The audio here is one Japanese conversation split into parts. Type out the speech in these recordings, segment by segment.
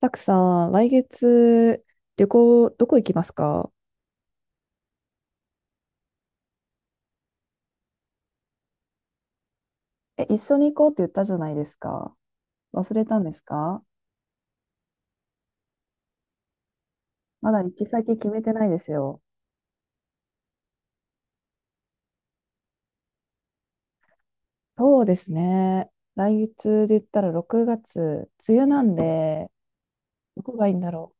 たくさん、来月、旅行、どこ行きますか？え、一緒に行こうって言ったじゃないですか。忘れたんですか？まだ行き先決めてないですよ。そうですね。来月で言ったら6月、梅雨なんで、どこがいいんだろ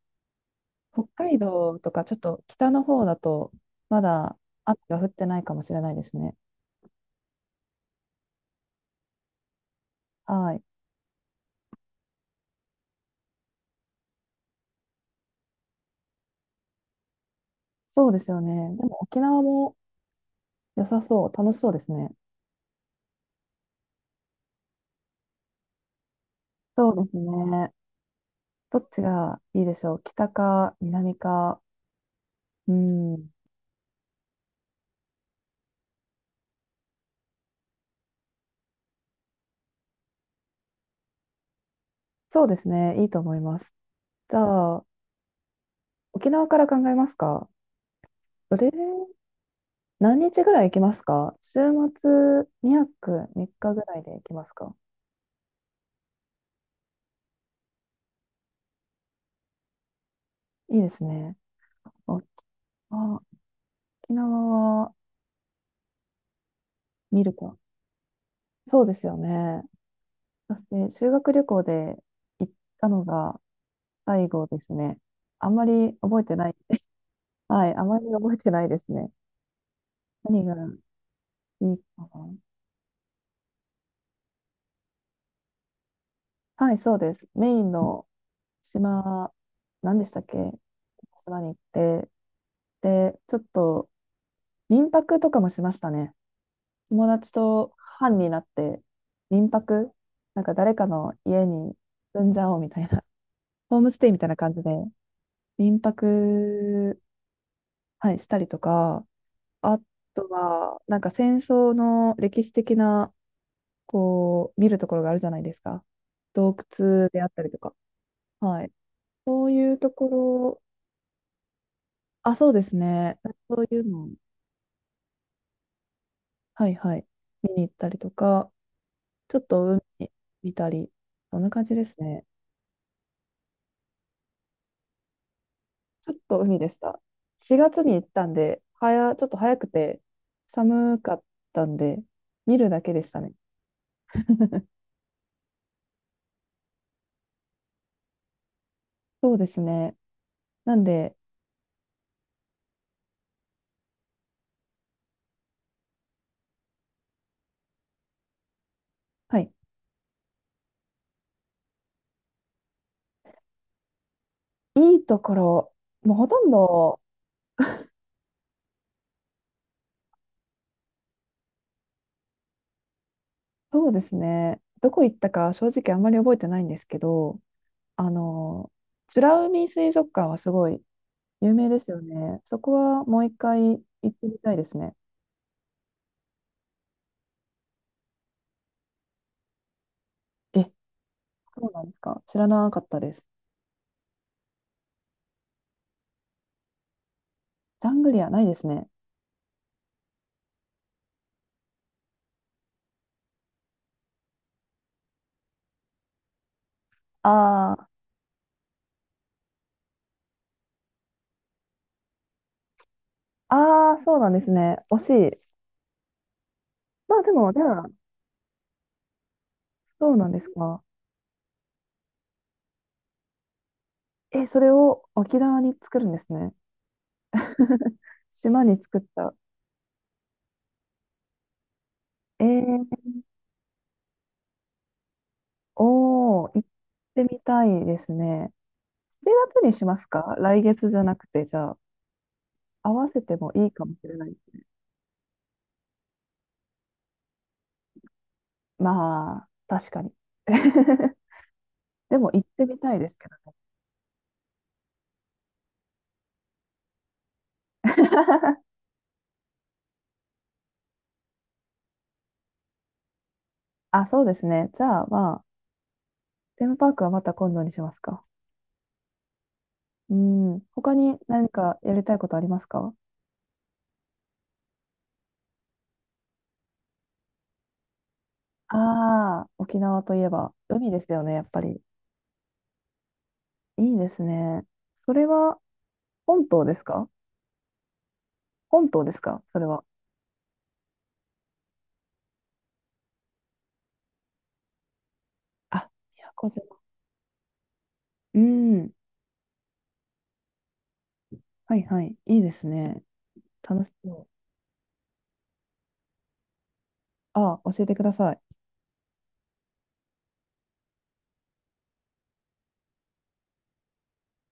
う。北海道とか、ちょっと北の方だと、まだ雨が降ってないかもしれないですね。はい。そうですよね。でも沖縄も良さそう。楽しそうですね。そうですね。どっちがいいでしょう。北か南か？うん。そうですね。いいと思います。じゃあ、沖縄から考えますか？それ、何日ぐらい行きますか？週末2泊3日ぐらいで行きますか？いいですね。おあ、沖縄は見るか。そうですよね。私、修学旅行で行ったのが最後ですね。あんまり覚えてない。はい、あまり覚えてないですね。何がいいかな。はい、そうです。メインの島、何でしたっけ？島に行って、で、ちょっと民泊とかもしましたね。友達と班になって民泊、なんか誰かの家に住んじゃおうみたいな、ホームステイみたいな感じで民泊、はい、したりとか、あとは、なんか戦争の歴史的な、こう、見るところがあるじゃないですか。洞窟であったりとか。はい。そういうところ、あ、そうですね。そういうのはいはい。見に行ったりとか、ちょっと海見たり、そんな感じですね。ちょっと海でした。4月に行ったんで、ちょっと早くて寒かったんで、見るだけでしたね。そうですね。なんで、はい。いいところ、もうほとんど、そうですね。どこ行ったか正直あんまり覚えてないんですけど、あの、美ら海水族館はすごい有名ですよね。そこはもう一回行ってみたいですね。え、そうなんですか。知らなかったです。ジャングリアないですね。あーあー、そうなんですね。惜しい。まあでも、じゃあ、そうなんですか。え、それを沖縄に作るんですね。島に作った。えー、おー、行ってみたいですね。7月にしますか？来月じゃなくて、じゃあ、合わせてもいいかもしれない。まあ、確かに。でも行ってみたいですけど。 あ、そうですね。じゃあ、まあ、テーマパークはまた今度にしますか。うん。他に何かやりたいことありますか？ああー、沖縄といえば海ですよね、やっぱり。いいですね。それは本島ですか？本島ですか、それは？あ、宮古島。うん。はいはい。いいですね。楽しそう。ああ、教えてください。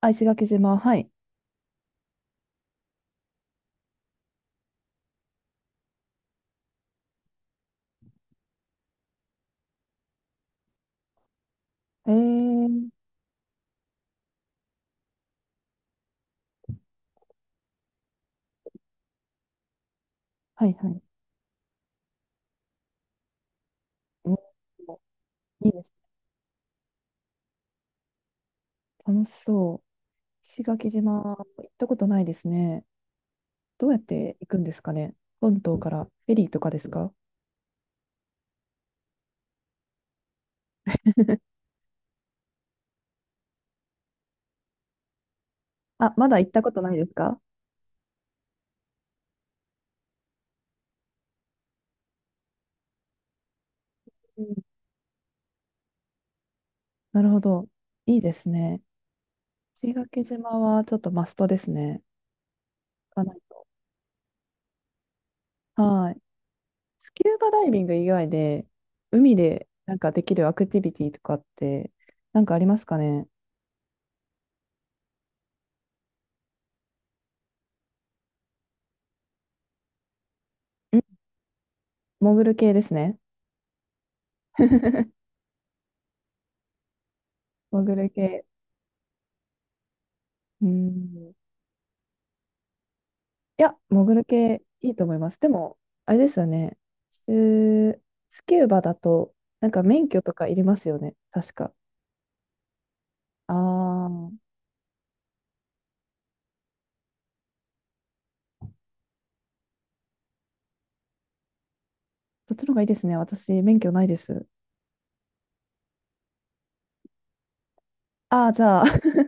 あ、石垣島。はい。へえ。はいはい。うん、いいです。楽しそう。石垣島、行ったことないですね。どうやって行くんですかね？本島からフェリーとかですか？あ、まだ行ったことないですか？うん、なるほど。いいですね。石垣島はちょっとマストですね。行かないと。はい。スキューバダイビング以外で、海でなんかできるアクティビティとかって、なんかありますかね？ん。潜る系ですね。潜る系。うん。いや、潜る系いいと思います。でも、あれですよね。シュースキューバだと、なんか免許とかいりますよね。確か。ああ。そっちの方がいいですね。私、免許ないです。ああ、じゃあ、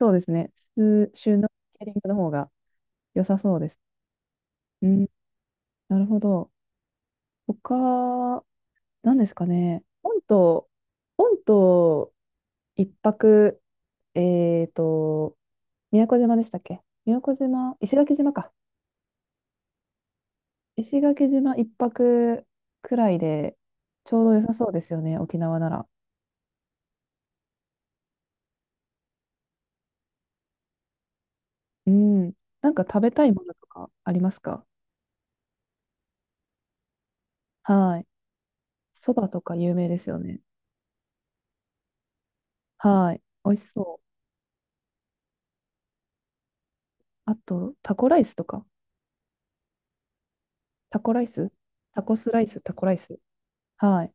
そうですね。普通シュノーケリングの方が良さそうです。うん、なるほど。他、何ですかね。本島一泊、えっと、宮古島でしたっけ？宮古島、石垣島か。石垣島一泊くらいで、ちょうど良さそうですよね、沖縄なら。うん。なんか食べたいものとかありますか？はい。そばとか有名ですよね。はい。美味しそう。あと、タコライスとか。タコライスタコスライス、タコライス。はい。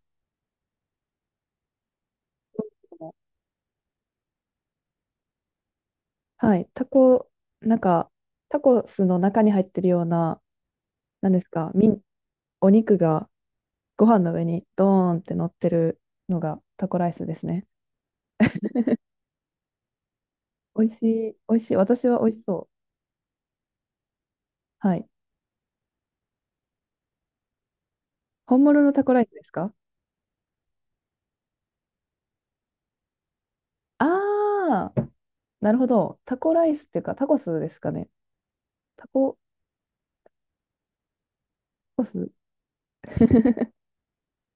はい。なんか、タコスの中に入ってるような、なんですか、お肉がご飯の上にドーンって乗ってるのがタコライスですね。美味しい、美味しい。私は美味しそう。はい。本物のタコライスですか？ああー、なるほど。タコライスっていうか、タコスですかね。タコ、タコス。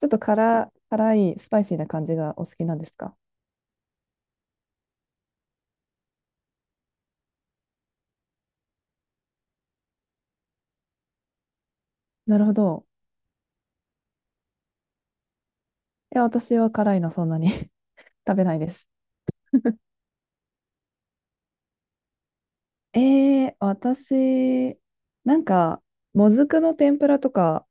ちょっと辛い、スパイシーな感じがお好きなんですか？なるほど。いや、私は辛いのそんなに 食べないです。私、なんか、もずくの天ぷらとか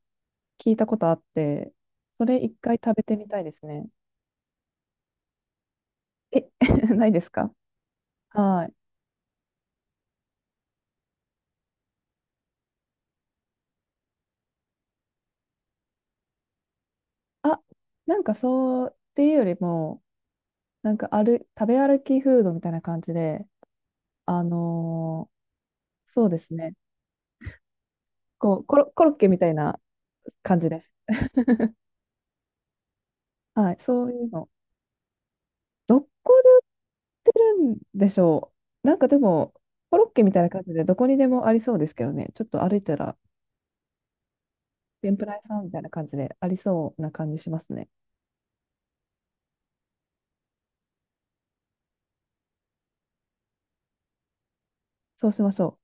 聞いたことあって、それ一回食べてみたいですね。え、ないですか？はい。あ、なんかそうっていうよりも、なんかある、食べ歩きフードみたいな感じで、あのーそうですね。こう、コロッケみたいな感じです。はい、そういうの。どこで売るんでしょう。なんかでも、コロッケみたいな感じでどこにでもありそうですけどね。ちょっと歩いたら、天ぷら屋さんみたいな感じでありそうな感じしますね。そうしましょう。